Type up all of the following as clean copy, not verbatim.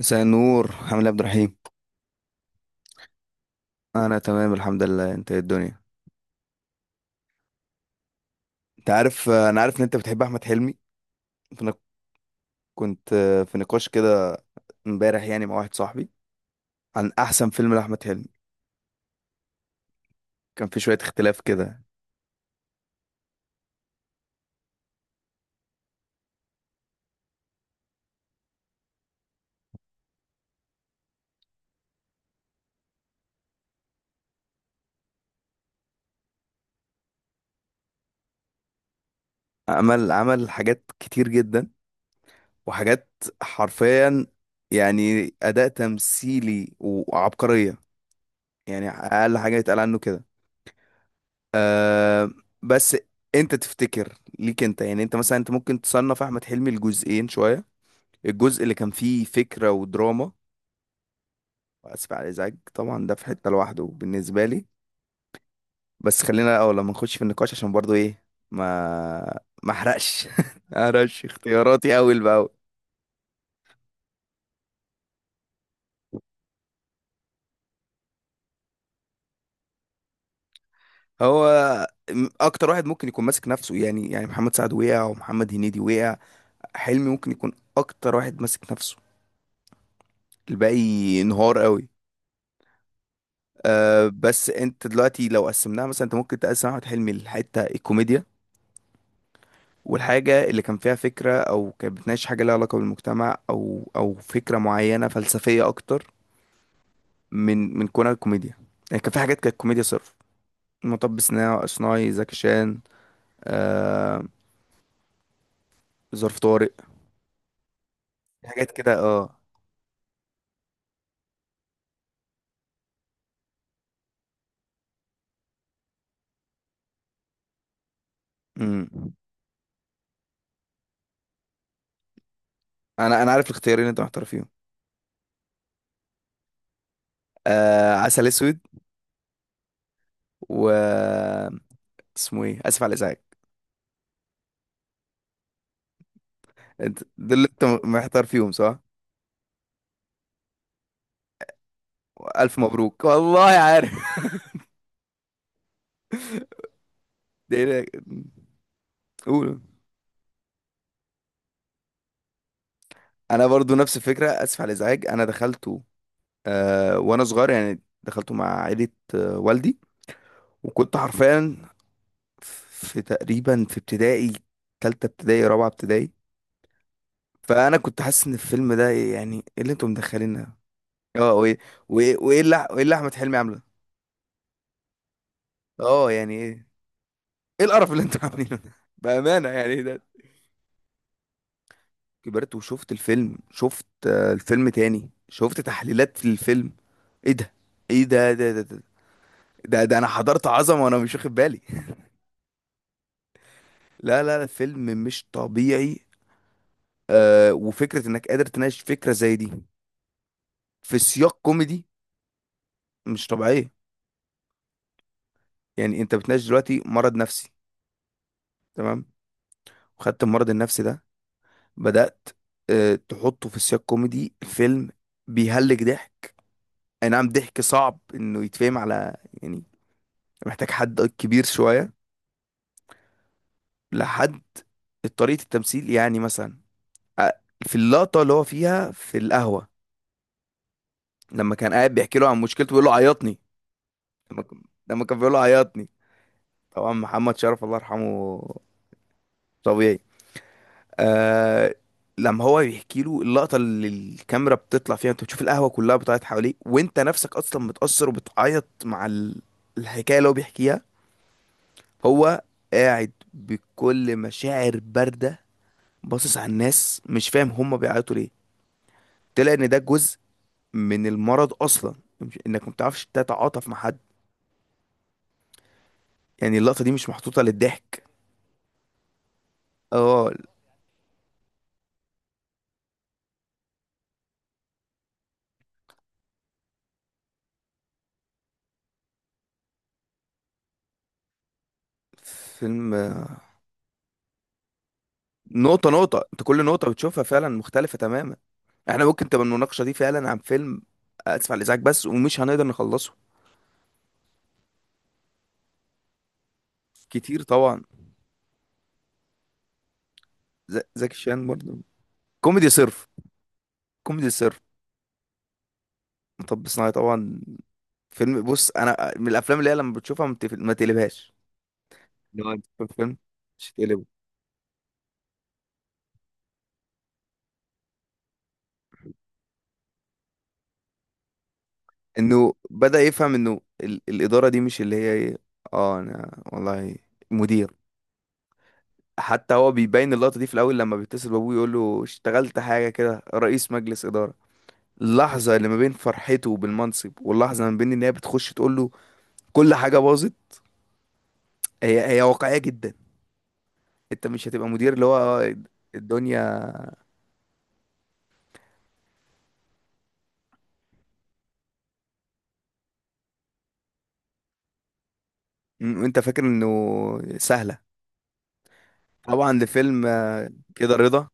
مساء النور، عامل ايه يا عبد الرحيم؟ انا تمام الحمد لله. انت ايه الدنيا؟ انت عارف انا عارف ان انت بتحب احمد حلمي، فانا كنت في نقاش كده امبارح يعني مع واحد صاحبي عن احسن فيلم لاحمد حلمي. كان في شوية اختلاف كده. عمل حاجات كتير جدا، وحاجات حرفيا، يعني اداء تمثيلي وعبقرية، يعني اقل حاجة يتقال عنه كده. أه بس انت تفتكر ليك انت يعني انت مثلا انت ممكن تصنف احمد حلمي لجزئين شوية: الجزء اللي كان فيه فكرة ودراما، وأسف على الإزعاج طبعا ده في حتة لوحده بالنسبة لي. بس خلينا الأول لما نخش في النقاش عشان برضو إيه، ما أحرقش ما أحرقش اختياراتي أول بأول. هو أكتر واحد ممكن يكون ماسك نفسه، يعني محمد سعد وقع، ومحمد هنيدي وقع، حلمي ممكن يكون أكتر واحد ماسك نفسه، الباقي انهار قوي. بس انت دلوقتي لو قسمناها مثلا، انت ممكن تقسم احمد حلمي لحته الكوميديا، والحاجة اللي كان فيها فكرة أو كانت بتناقش حاجة ليها علاقة بالمجتمع أو فكرة معينة فلسفية أكتر من كونها كوميديا. يعني كان في حاجات كانت كوميديا صرف، مطب صناعي، زكي شان، آه ظرف طارق، حاجات كده امم أنا عارف الاختيارين اللي أنت محتار فيهم، عسل أسود، و اسمه إيه، آسف على الإزعاج. أنت دول اللي أنت محتار فيهم، صح؟ ألف مبروك، والله عارف. ده إيه ده؟ قول. انا برضو نفس الفكره، اسف على الازعاج انا دخلته وانا صغير يعني، دخلته مع عائله، والدي، وكنت حرفيا في ابتدائي، تالتة ابتدائي، رابعة ابتدائي، فانا كنت حاسس ان الفيلم ده إيه، يعني ايه اللي انتوا مدخلينها؟ اه وايه وايه اللي احمد حلمي عامله؟ اه يعني ايه؟ ايه القرف اللي انتوا عاملينه ده؟ بامانه، يعني إيه ده؟ كبرت وشفت الفيلم، شفت آه الفيلم تاني، شفت تحليلات في الفيلم، ايه ده؟ ايه ده؟ ده ده، ده. ده ده انا حضرت عظمه وانا مش واخد بالي. لا لا لا، فيلم مش طبيعي، وفكره انك قادر تناقش فكره زي دي في سياق كوميدي مش طبيعيه. يعني انت بتناقش دلوقتي مرض نفسي، تمام، وخدت المرض النفسي ده، بدات تحطه في سياق كوميدي، فيلم بيهلك ضحك، اي نعم، ضحك صعب انه يتفهم، على يعني محتاج حد كبير شويه لحد طريقه التمثيل، يعني مثلا آه، في اللقطه اللي هو فيها في القهوه، لما كان قاعد بيحكي له عن مشكلته، بيقول له عيطني. لما ك- لما كان بيقول له عيطني، طبعا محمد شرف الله يرحمه. طبيعي. آه لما هو بيحكي له، اللقطه اللي الكاميرا بتطلع فيها انت بتشوف القهوه كلها بتعيط حواليك، وانت نفسك اصلا متاثر وبتعيط مع الحكايه اللي هو بيحكيها، هو قاعد بكل مشاعر بارده، باصص على الناس مش فاهم هم بيعيطوا ليه. طلع ان ده جزء من المرض اصلا انك ما بتعرفش تتعاطف مع حد، يعني اللقطه دي مش محطوطه للضحك. اه فيلم نقطة نقطة، انت كل نقطة بتشوفها فعلا مختلفة تماما. احنا ممكن تبقى المناقشة دي فعلا عن فيلم اسف على الازعاج بس، ومش هنقدر نخلصه. كتير طبعا. زكي شان برضه كوميدي صرف، كوميدي صرف، مطب صناعي طبعا. فيلم، بص، انا من الافلام اللي هي لما بتشوفها ما ما تقلبهاش، لو انت في الفيلم مش تقلبه. انه بدأ يفهم انه الإدارة دي مش اللي هي ايه، اه انا والله مدير. حتى هو بيبين اللقطة دي في الأول لما بيتصل بأبوه يقول له اشتغلت حاجة كده رئيس مجلس إدارة، اللحظة اللي ما بين فرحته بالمنصب واللحظة ما بين إن هي بتخش تقول له كل حاجة باظت، هي واقعية جدا. أنت مش هتبقى مدير، اللي هو الدنيا، أنت فاكر إنه سهلة؟ طبعا لفيلم كده رضا.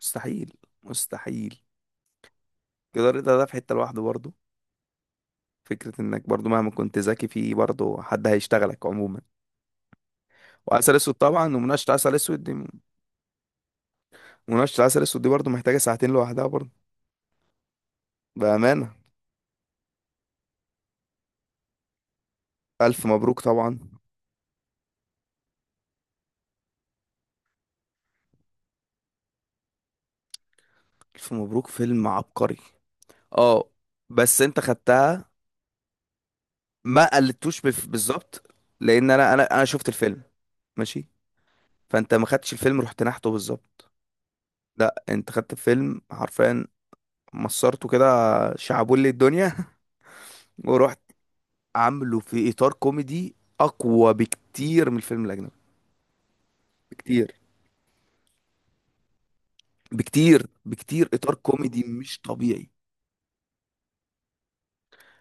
مستحيل، مستحيل. كده رضا ده في حتة لوحده برضه، فكرة إنك برضه مهما كنت ذكي فيه برضه حد هيشتغلك عموما. وعسل أسود طبعا، ومناقشة عسل أسود دي، مناقشة العسل الأسود دي برضه محتاجة ساعتين لوحدها برضه، بأمانة. ألف مبروك طبعا. ألف مبروك فيلم عبقري. اه بس أنت خدتها، ما قلدتوش بالظبط. لأن أنا شفت الفيلم، ماشي، فأنت ما خدتش الفيلم رحت نحته بالظبط. لا، أنت خدت الفيلم حرفيا، مصرته كده، شعبولي الدنيا، ورحت عامله في إطار كوميدي أقوى بكتير من الفيلم الأجنبي. بكتير، بكتير، بكتير، إطار كوميدي مش طبيعي.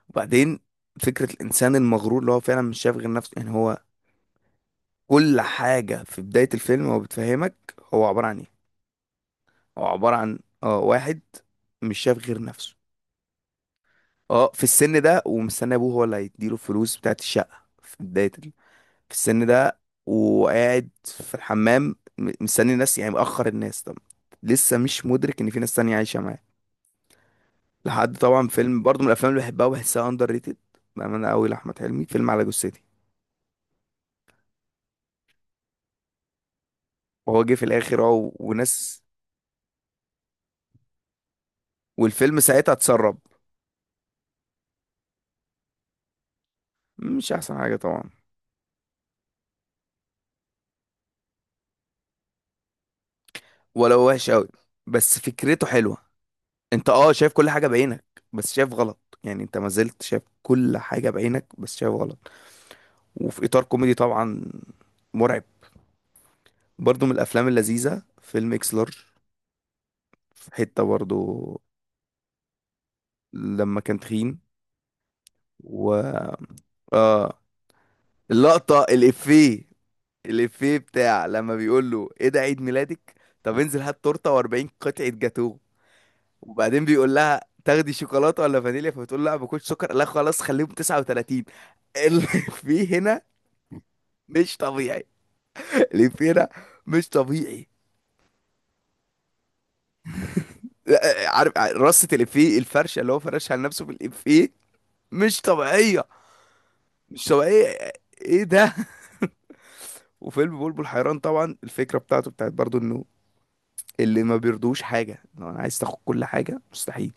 وبعدين فكرة الإنسان المغرور اللي هو فعلا مش شايف غير نفسه، يعني هو كل حاجة في بداية الفيلم هو بتفهمك هو عبارة عن إيه. هو عبارة عن واحد مش شايف غير نفسه، اه في السن ده، ومستني أبوه هو اللي هيديله الفلوس بتاعت الشقة في بداية في السن ده، وقاعد في الحمام مستني الناس، يعني مأخر الناس، طب، لسه مش مدرك إن في ناس تانية عايشة معاه. لحد، طبعا فيلم برضه من الأفلام اللي بحبها وبحسها أندر ريتد بأمانة أوي لأحمد حلمي، فيلم على جثتي. وهو جه في الاخر اهو، وناس، والفيلم ساعتها اتسرب، مش احسن حاجه طبعا، ولو وحش قوي، بس فكرته حلوه. انت شايف كل حاجه بعينك بس شايف غلط، يعني انت ما زلت شايف كل حاجه بعينك بس شايف غلط. وفي اطار كوميدي طبعا، مرعب. برضو من الافلام اللذيذه فيلم اكس لارج، في حته برضو لما كان تخين، و اه اللقطه الافيه بتاع لما بيقول له ايه ده عيد ميلادك؟ طب انزل هات تورته و40 قطعه جاتوه، وبعدين بيقول لها تاخدي شوكولاته ولا فانيليا، فبتقول لا باكلش سكر، لا خلاص خليهم 39. اللي فيه هنا مش طبيعي، اللي فيه هنا مش طبيعي. لا، عارف رصة الإفيه، الفرشة اللي هو فرشها على نفسه بالإفيه، مش طبيعية، مش طبيعية، ايه ده؟ وفيلم بلبل حيران طبعا، الفكرة بتاعت برضو انه اللي ما بيرضوش حاجة، لو انا عايز تاخد كل حاجة مستحيل.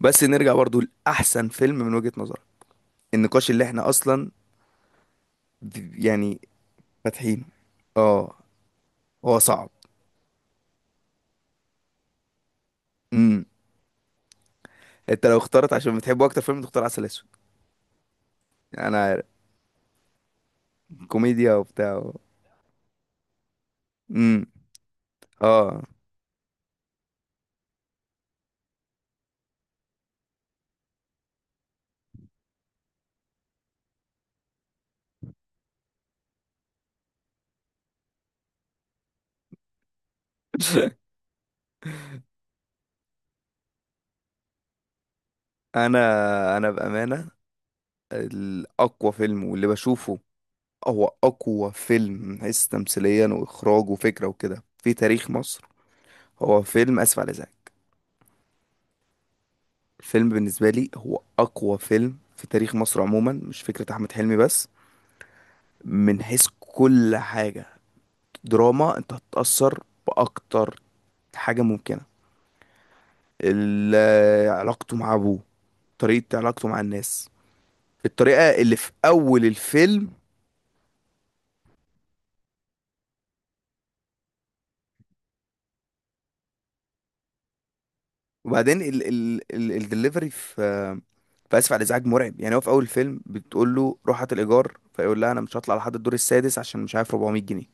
بس نرجع برضو لأحسن فيلم من وجهة نظرك، النقاش اللي احنا اصلا يعني فاتحينه. اه هو صعب. امم انت لو اخترت عشان بتحبه اكتر فيلم، تختار عسل اسود. انا عارف، كوميديا وبتاع. امم اه انا انا بامانه، الاقوى فيلم واللي بشوفه هو اقوى فيلم من حيث تمثيليا واخراج وفكره وكده في تاريخ مصر، هو فيلم اسف على الازعاج. الفيلم بالنسبه لي هو اقوى فيلم في تاريخ مصر عموما، مش فكره احمد حلمي بس، من حيث كل حاجه. دراما انت هتتاثر باكتر حاجة ممكنة، علاقته مع أبوه، طريقة علاقته مع الناس، الطريقة اللي في أول الفيلم. وبعدين ال الدليفري في آسف على الإزعاج مرعب، يعني هو في أول الفيلم بتقول له روح هات الإيجار، فيقول لها أنا مش هطلع لحد الدور السادس عشان مش عارف 400 جنيه.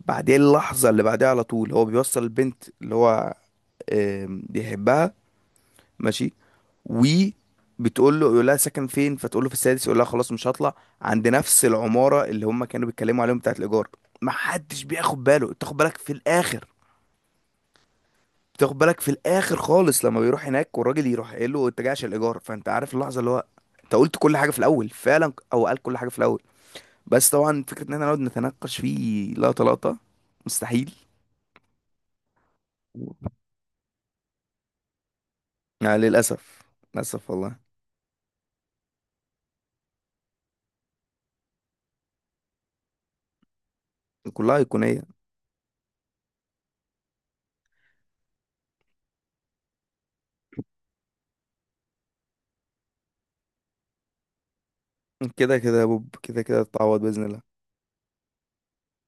بعدين اللحظة اللي بعدها على طول هو بيوصل البنت اللي هو بيحبها، ماشي، و بتقول له، يقول لها ساكن فين؟ فتقول له في السادس، يقول لها خلاص مش هطلع، عند نفس العمارة اللي هم كانوا بيتكلموا عليهم بتاعت الإيجار. ما حدش بياخد باله، بتاخد بالك في الآخر، بتاخد بالك في الآخر خالص لما بيروح هناك والراجل يروح قايل له انت جاي عشان الإيجار، فانت عارف اللحظة اللي هو، انت قلت كل حاجة في الأول فعلا، او قال كل حاجة في الأول. بس طبعا فكرة ان احنا نقعد نتناقش فيه لقطة لقطة مستحيل، يعني للأسف. للأسف والله. كلها أيقونية. كده كده يا بوب، كده كده تتعوض بإذن الله.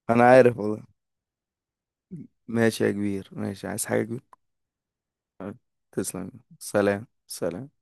أنا عارف والله. ماشي يا كبير، ماشي، عايز حاجة يا كبير؟ تسلم. سلام، سلام.